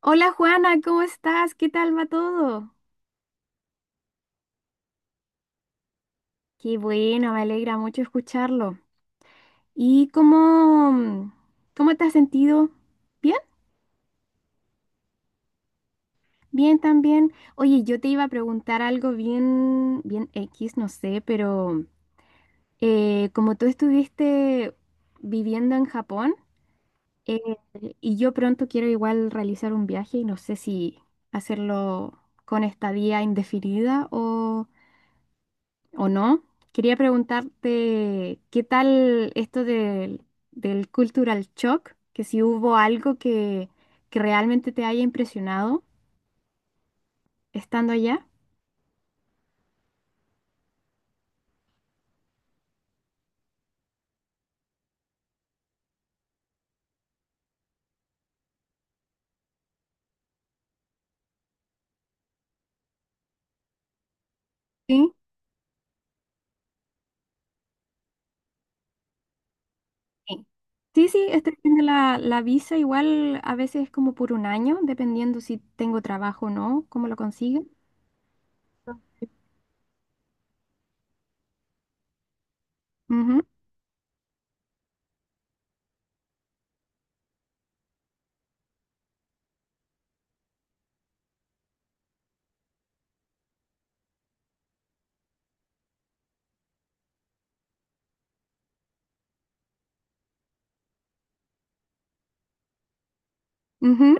Hola Juana, ¿cómo estás? ¿Qué tal va todo? Qué bueno, me alegra mucho escucharlo. ¿Y cómo, cómo te has sentido? ¿Bien? Bien también. Oye, yo te iba a preguntar algo bien, bien X, no sé, pero como tú estuviste viviendo en Japón. eh, y yo pronto quiero igual realizar un viaje y no sé si hacerlo con estadía indefinida o ¿o no? Quería preguntarte, ¿qué tal esto del cultural shock? Que si hubo algo que realmente te haya impresionado estando allá. Sí, sí, sí, sí, estoy haciendo la visa igual a veces es como por un año, dependiendo si tengo trabajo o no, cómo lo consigo. Ujú, ujú.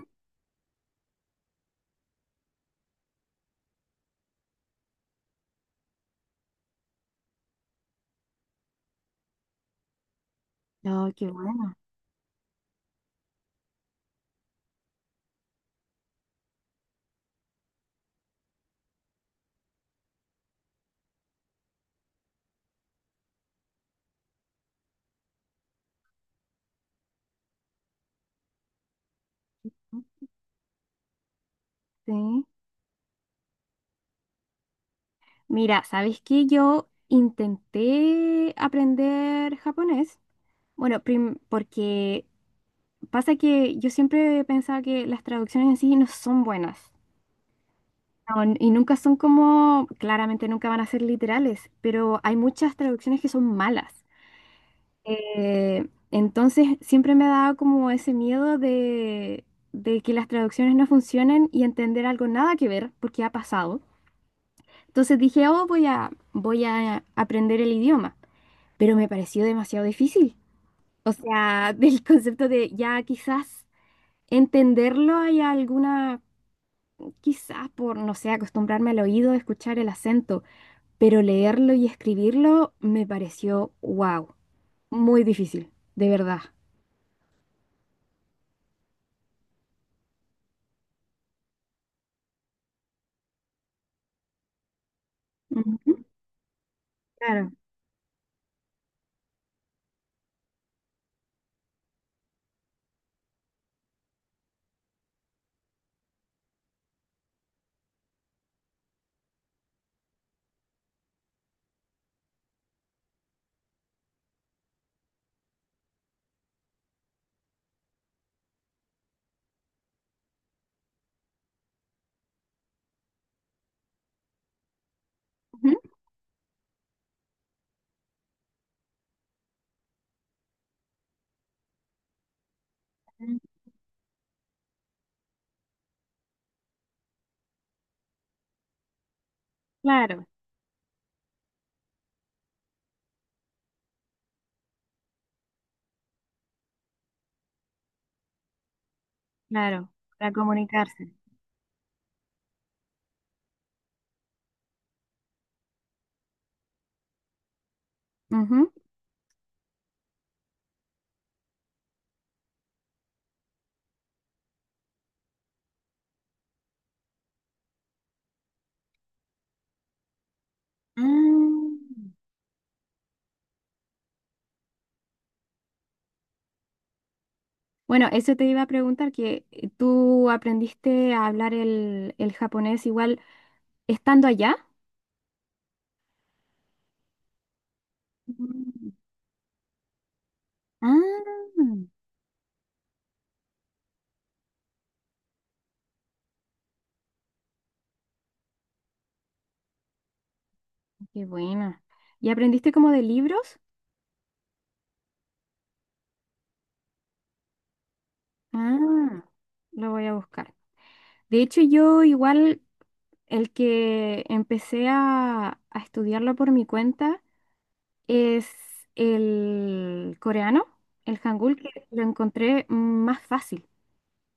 No, qué bueno. Sí. Mira, ¿sabes qué? Yo intenté aprender japonés. Bueno, porque pasa que yo siempre pensaba que las traducciones en sí no son buenas. No, y nunca son como, claramente nunca van a ser literales, pero hay muchas traducciones que son malas. Entonces siempre me ha dado como ese miedo de que las traducciones no funcionen y entender algo nada que ver, porque ha pasado. Entonces dije, oh, voy a aprender el idioma, pero me pareció demasiado difícil. O sea, del concepto de ya quizás entenderlo hay alguna. Quizás por, no sé, acostumbrarme al oído, escuchar el acento, pero leerlo y escribirlo me pareció, wow, muy difícil, de verdad. Ujú. Claro. Ujú. Mm. Claro, claro, para comunicarse. Ujú. Mm. Bueno, eso te iba a preguntar, que tú aprendiste a hablar el japonés igual estando allá. Mm. Ah, qué buena. ¿Y aprendiste como de libros? Ah, lo voy a buscar. De hecho, yo igual el que empecé a estudiarlo por mi cuenta es el coreano, el hangul, que lo encontré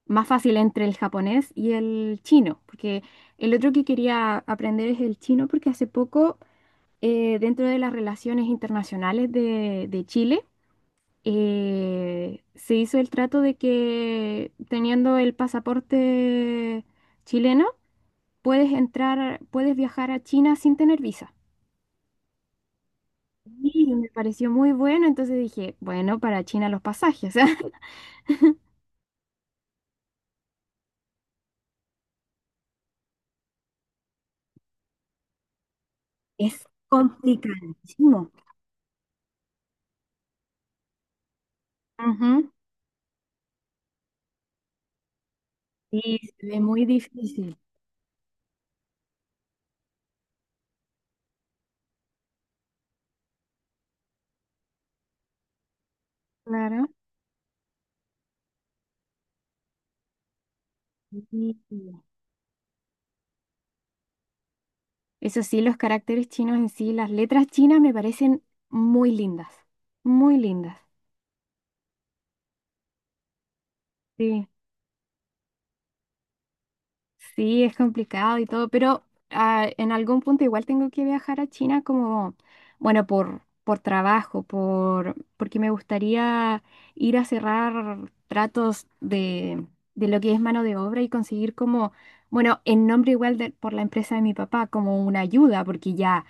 más fácil entre el japonés y el chino, porque el otro que quería aprender es el chino, porque hace poco, dentro de las relaciones internacionales de Chile, se hizo el trato de que teniendo el pasaporte chileno, puedes entrar, puedes viajar a China sin tener visa. Y me pareció muy bueno, entonces dije, bueno, para China los pasajes. Es chino. Ujú. Sí, se ve muy... Sí. Claro. Sí. Eso sí, los caracteres chinos en sí, las letras chinas me parecen muy lindas, muy lindas. Sí. Sí, es complicado y todo, pero ah, en algún punto igual tengo que viajar a China como, bueno, por trabajo, por, porque me gustaría ir a cerrar tratos de lo que es mano de obra y conseguir como, bueno, en nombre igual de, por la empresa de mi papá, como una ayuda, porque ya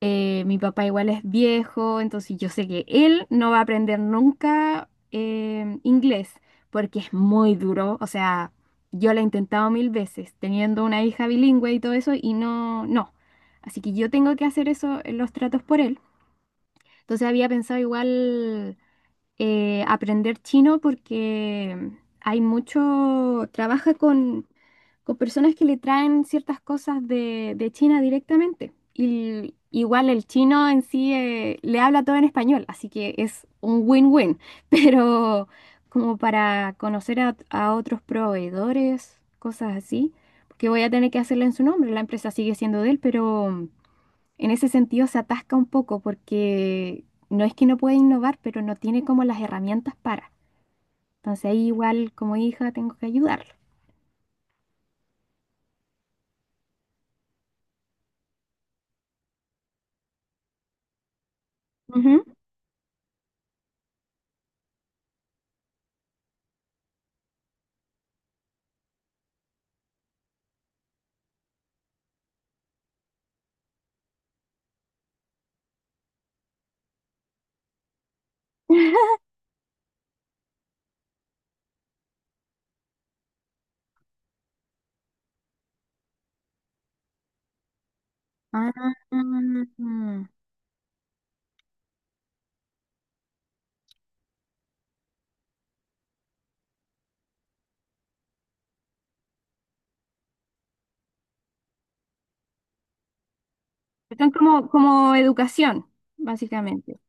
mi papá igual es viejo, entonces yo sé que él no va a aprender nunca inglés, porque es muy duro. O sea, yo lo he intentado mil veces, teniendo una hija bilingüe y todo eso, y no, no. Así que yo tengo que hacer eso, los tratos por él. Entonces había pensado igual aprender chino porque hay mucho, trabaja con personas que le traen ciertas cosas de China directamente. Y igual el chino en sí le habla todo en español, así que es un win-win. Pero como para conocer a otros proveedores, cosas así, porque voy a tener que hacerlo en su nombre, la empresa sigue siendo de él, pero en ese sentido se atasca un poco porque no es que no pueda innovar, pero no tiene como las herramientas para. Entonces ahí igual como hija tengo que ayudarlo. Ujú. Ah, están como, como educación, básicamente.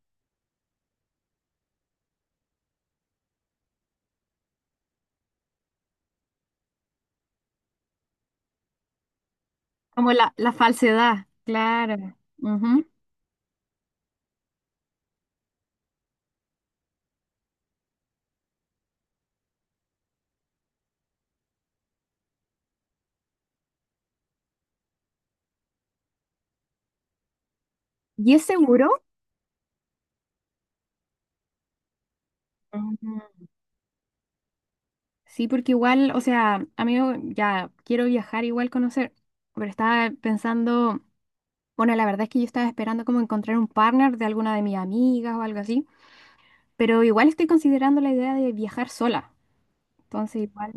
Como la falsedad, claro. Ujú. ¿Y es seguro? Ujú. Sí, porque igual, o sea, amigo, ya quiero viajar, igual conocer, pero estaba pensando, bueno, la verdad es que yo estaba esperando como encontrar un partner de alguna de mis amigas o algo así, pero igual estoy considerando la idea de viajar sola. Entonces, igual...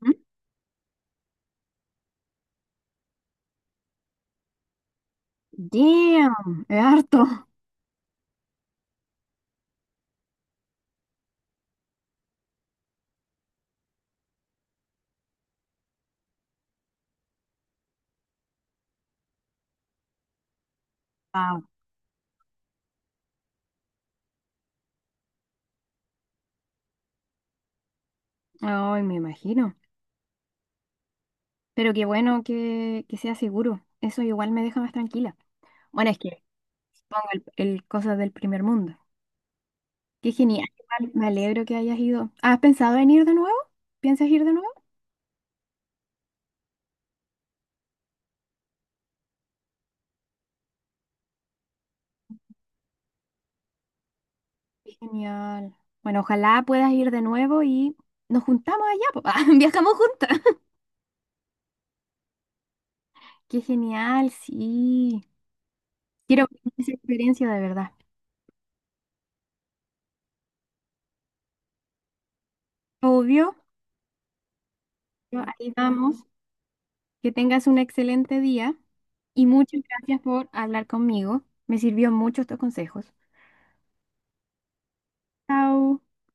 ¿Mm? Damn, es harto. Wow. Ay, me imagino. Pero qué bueno que sea seguro. Eso igual me deja más tranquila. Bueno, es que pongo el cosas del primer mundo. Qué genial. Igual me alegro que hayas ido. ¿Has pensado en ir de nuevo? ¿Piensas ir de nuevo? Qué genial. Bueno, ojalá puedas ir de nuevo y nos juntamos allá, po. Ah, viajamos juntas. Qué genial, sí. Quiero vivir esa experiencia de verdad. Obvio, pero ahí vamos. Que tengas un excelente día y muchas gracias por hablar conmigo. Me sirvió mucho estos consejos. Chao.